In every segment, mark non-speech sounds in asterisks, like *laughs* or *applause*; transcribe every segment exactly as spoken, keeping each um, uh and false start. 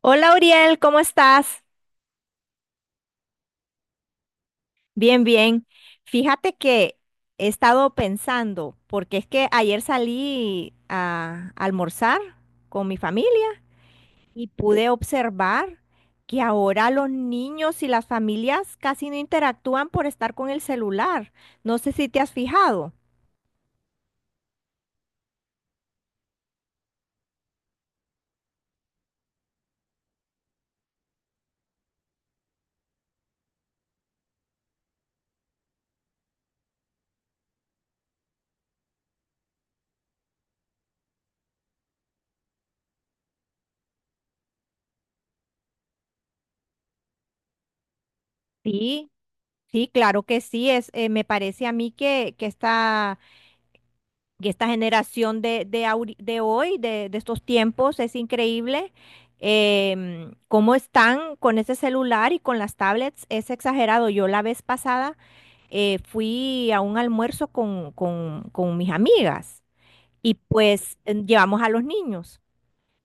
Hola Uriel, ¿cómo estás? Bien, bien. Fíjate que he estado pensando, porque es que ayer salí a almorzar con mi familia y pude observar que ahora los niños y las familias casi no interactúan por estar con el celular. No sé si te has fijado. Sí, sí, claro que sí. Es, eh, me parece a mí que, que esta Y esta generación de, de, ahori- de hoy, de, de estos tiempos, es increíble, em, cómo están con ese celular y con las tablets. Es exagerado. Yo la vez pasada eh, fui a un almuerzo con, con, con mis amigas y pues eh, llevamos a los niños.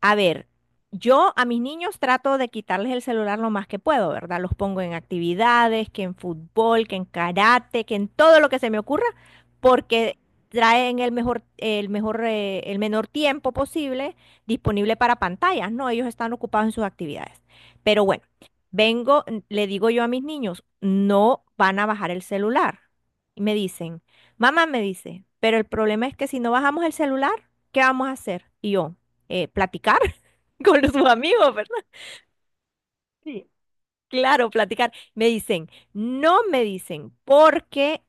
A ver, yo a mis niños trato de quitarles el celular lo más que puedo, ¿verdad? Los pongo en actividades, que en fútbol, que en karate, que en todo lo que se me ocurra, porque traen el mejor, el mejor, eh, el menor tiempo posible disponible para pantallas, ¿no? Ellos están ocupados en sus actividades. Pero bueno, vengo, n- le digo yo a mis niños, no van a bajar el celular. Y me dicen, mamá me dice, pero el problema es que si no bajamos el celular, ¿qué vamos a hacer? Y yo, eh, platicar *laughs* con los- sus amigos, ¿verdad? Sí. Claro, platicar. Me dicen, no me dicen, porque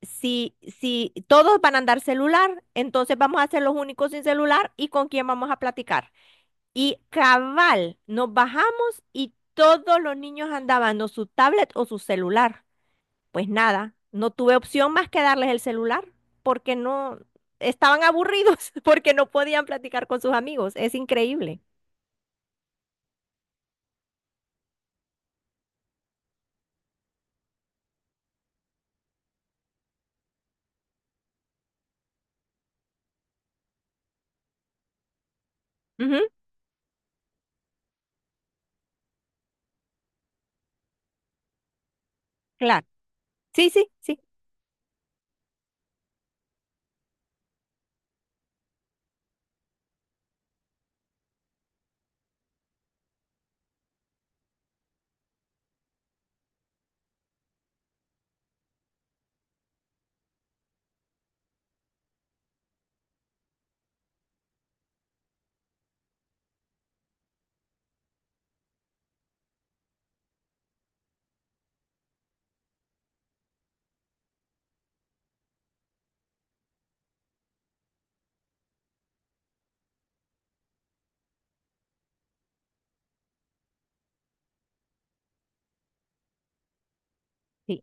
si, si todos van a andar celular, entonces vamos a ser los únicos sin celular y con quién vamos a platicar. Y cabal, nos bajamos y todos los niños andaban o su tablet o su celular. Pues nada, no tuve opción más que darles el celular porque no estaban aburridos, *laughs* porque no podían platicar con sus amigos. Es increíble. Ujú, claro. Sí, sí, sí. Sí,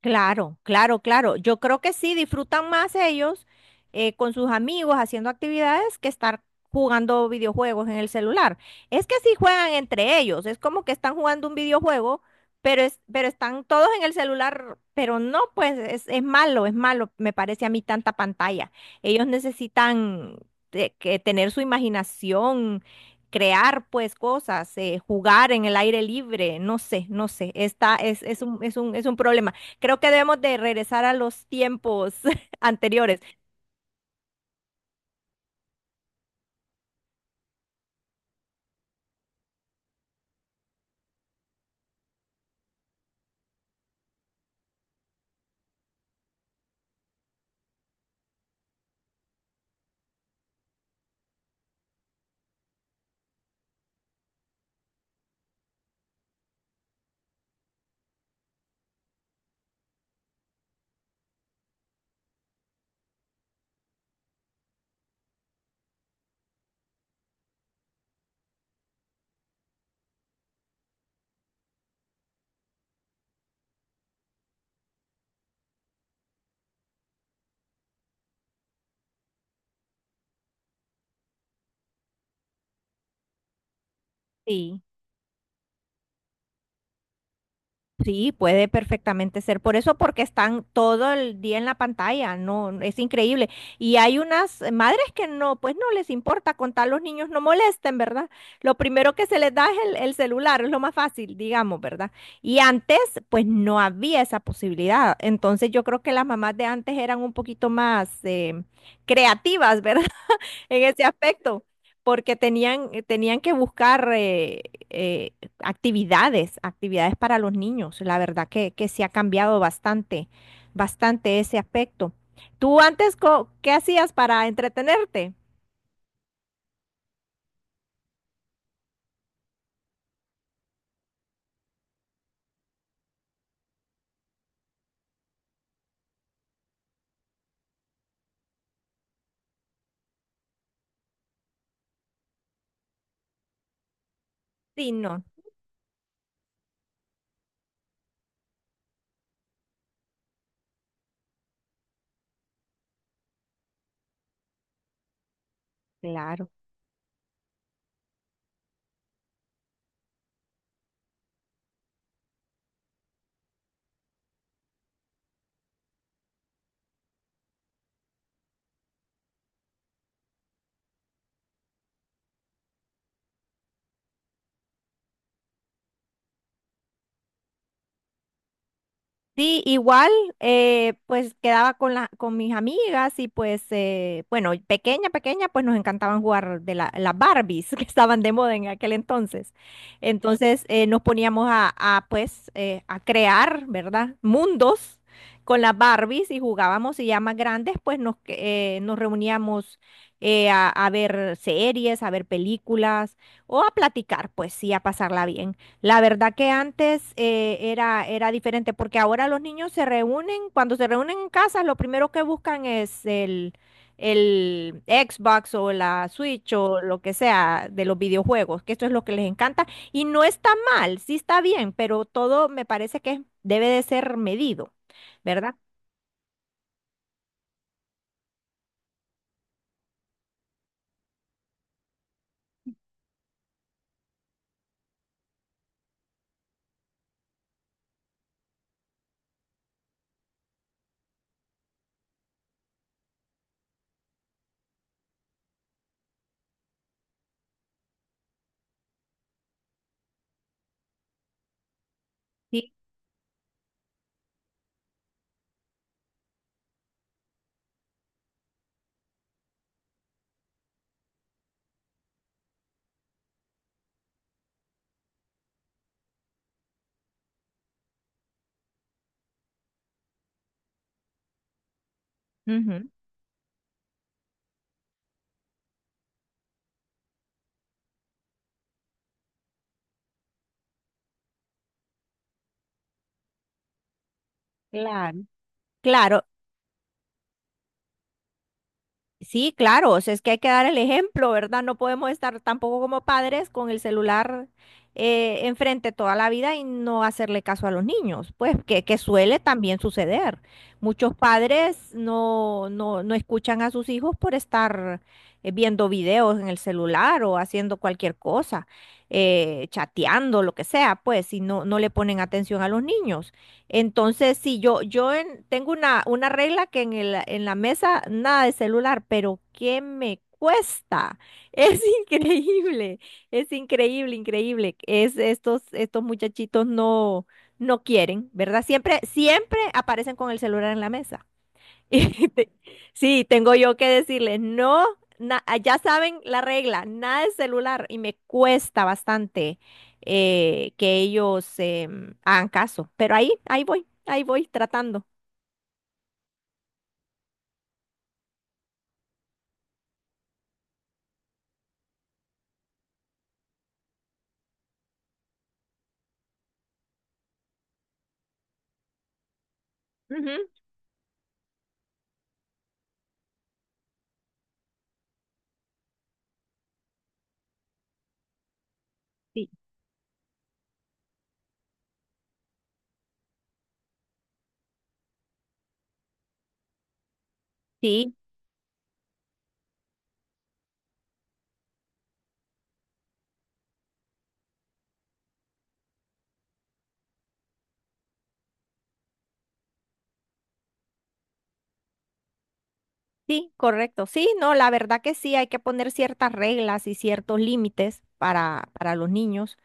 claro, claro, claro. Yo creo que sí, disfrutan más ellos, eh, con sus amigos haciendo actividades que estar jugando videojuegos en el celular. Es que sí juegan entre ellos, es como que están jugando un videojuego, pero, es, pero están todos en el celular, pero no, pues es, es malo, es malo, me parece a mí tanta pantalla. Ellos necesitan te- que tener su imaginación, crear pues cosas, eh, jugar en el aire libre, no sé, no sé, está, es, es un, es un, es un problema. Creo que debemos de regresar a los tiempos *laughs* anteriores. Sí, sí, puede perfectamente ser. Por eso, porque están todo el día en la pantalla, no, no, es increíble. Y hay unas madres que no, pues no les importa contar los niños no molesten, ¿verdad? Lo primero que se les da es el, el celular, es lo más fácil, digamos, ¿verdad? Y antes, pues no había esa posibilidad. Entonces, yo creo que las mamás de antes eran un poquito más, eh, creativas, *laughs* ¿verdad? En ese aspecto, porque tenían, eh, tenían que buscar eh, eh, actividades, actividades para los niños. La verdad que, que se ha cambiado bastante, bastante ese aspecto. ¿Tú antes co- qué hacías para entretenerte? Sí, no, claro. Sí, igual, eh, pues quedaba con la, con mis amigas y pues, eh, bueno, pequeña, pequeña, pues nos encantaban jugar de la, las Barbies *laughs* que estaban de moda en aquel entonces. Entonces eh, nos poníamos a, a, pues, eh, a crear, ¿verdad? Mundos con las Barbies y jugábamos y ya más grandes, pues nos, que- eh, nos reuníamos, eh, a, a ver series, a ver películas o a platicar, pues sí, a pasarla bien. La verdad que antes, eh, era, era diferente, porque ahora los niños se reúnen, cuando se reúnen en casa, lo primero que buscan es el, el Xbox o la Switch o lo que sea de los videojuegos, que esto es lo que les encanta. Y no está mal, sí está bien, pero todo me parece que debe de ser medido, ¿verdad? Sí. Ujú. Claro. Claro, sí, claro, o sea, es que hay que dar el ejemplo, ¿verdad? No podemos estar tampoco como padres con el celular, eh, enfrente toda la vida y no hacerle caso a los niños, pues que, que suele también suceder. Muchos padres no, no, no escuchan a sus hijos por estar, eh, viendo videos en el celular o haciendo cualquier cosa, eh, chateando, lo que sea, pues, y no, no le ponen atención a los niños. Entonces, si yo, yo en- tengo una, una regla que en el- en la mesa nada de celular, pero ¿qué me cuesta? *laughs* Es increíble, es increíble, increíble. Es estos, estos muchachitos no, no quieren, ¿verdad? Siempre, siempre aparecen con el celular en la mesa. *laughs* Y te- sí, tengo yo que decirles, no, na- ya saben la regla, nada de celular y me cuesta bastante, eh, que ellos, em, hagan caso, pero ahí, ahí voy, ahí voy tratando. Ujú, sí, sí. Sí, correcto. Sí, no, la verdad que sí, hay que poner ciertas reglas y ciertos límites para, para los niños.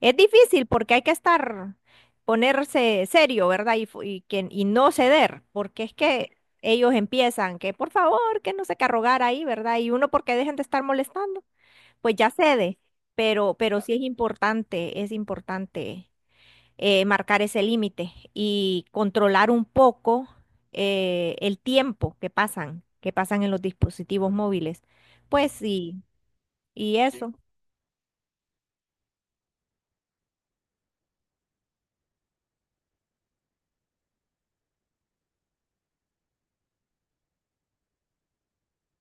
Es difícil porque hay que estar, ponerse serio, ¿verdad? Y, fu- y, que- y no ceder, porque es que ellos empiezan que por favor, que no se qué a rogar ahí, ¿verdad? Y uno porque dejen de estar molestando, pues ya cede, pero, pero sí es importante, es importante, eh, marcar ese límite y controlar un poco, eh, el tiempo que pasan, que pasan en los dispositivos móviles. Pues sí, y sí, eso,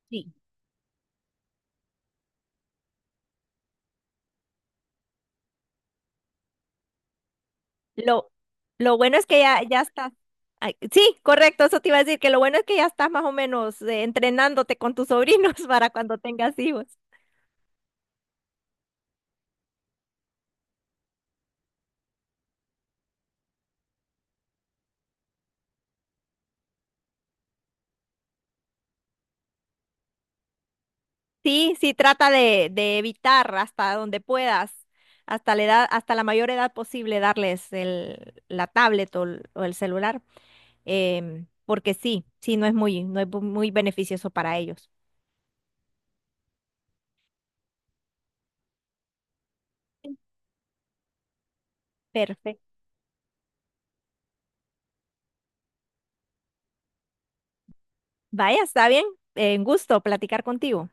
sí. Lo, lo bueno es que ya, ya estás. Ay, sí, correcto, eso te iba a decir, que lo bueno es que ya estás más o menos, eh, entrenándote con tus sobrinos *laughs* para cuando tengas hijos. Sí, sí, trata de, de evitar hasta donde puedas. Hasta la edad, hasta la mayor edad posible darles el, la tablet o el o el celular. em, porque sí, sí, no es muy, no es bu- muy beneficioso para ellos. Perfecto. Vaya, está bien. eh, un gusto platicar contigo.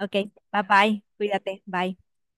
Ok, bye bye. Cuídate. Bye.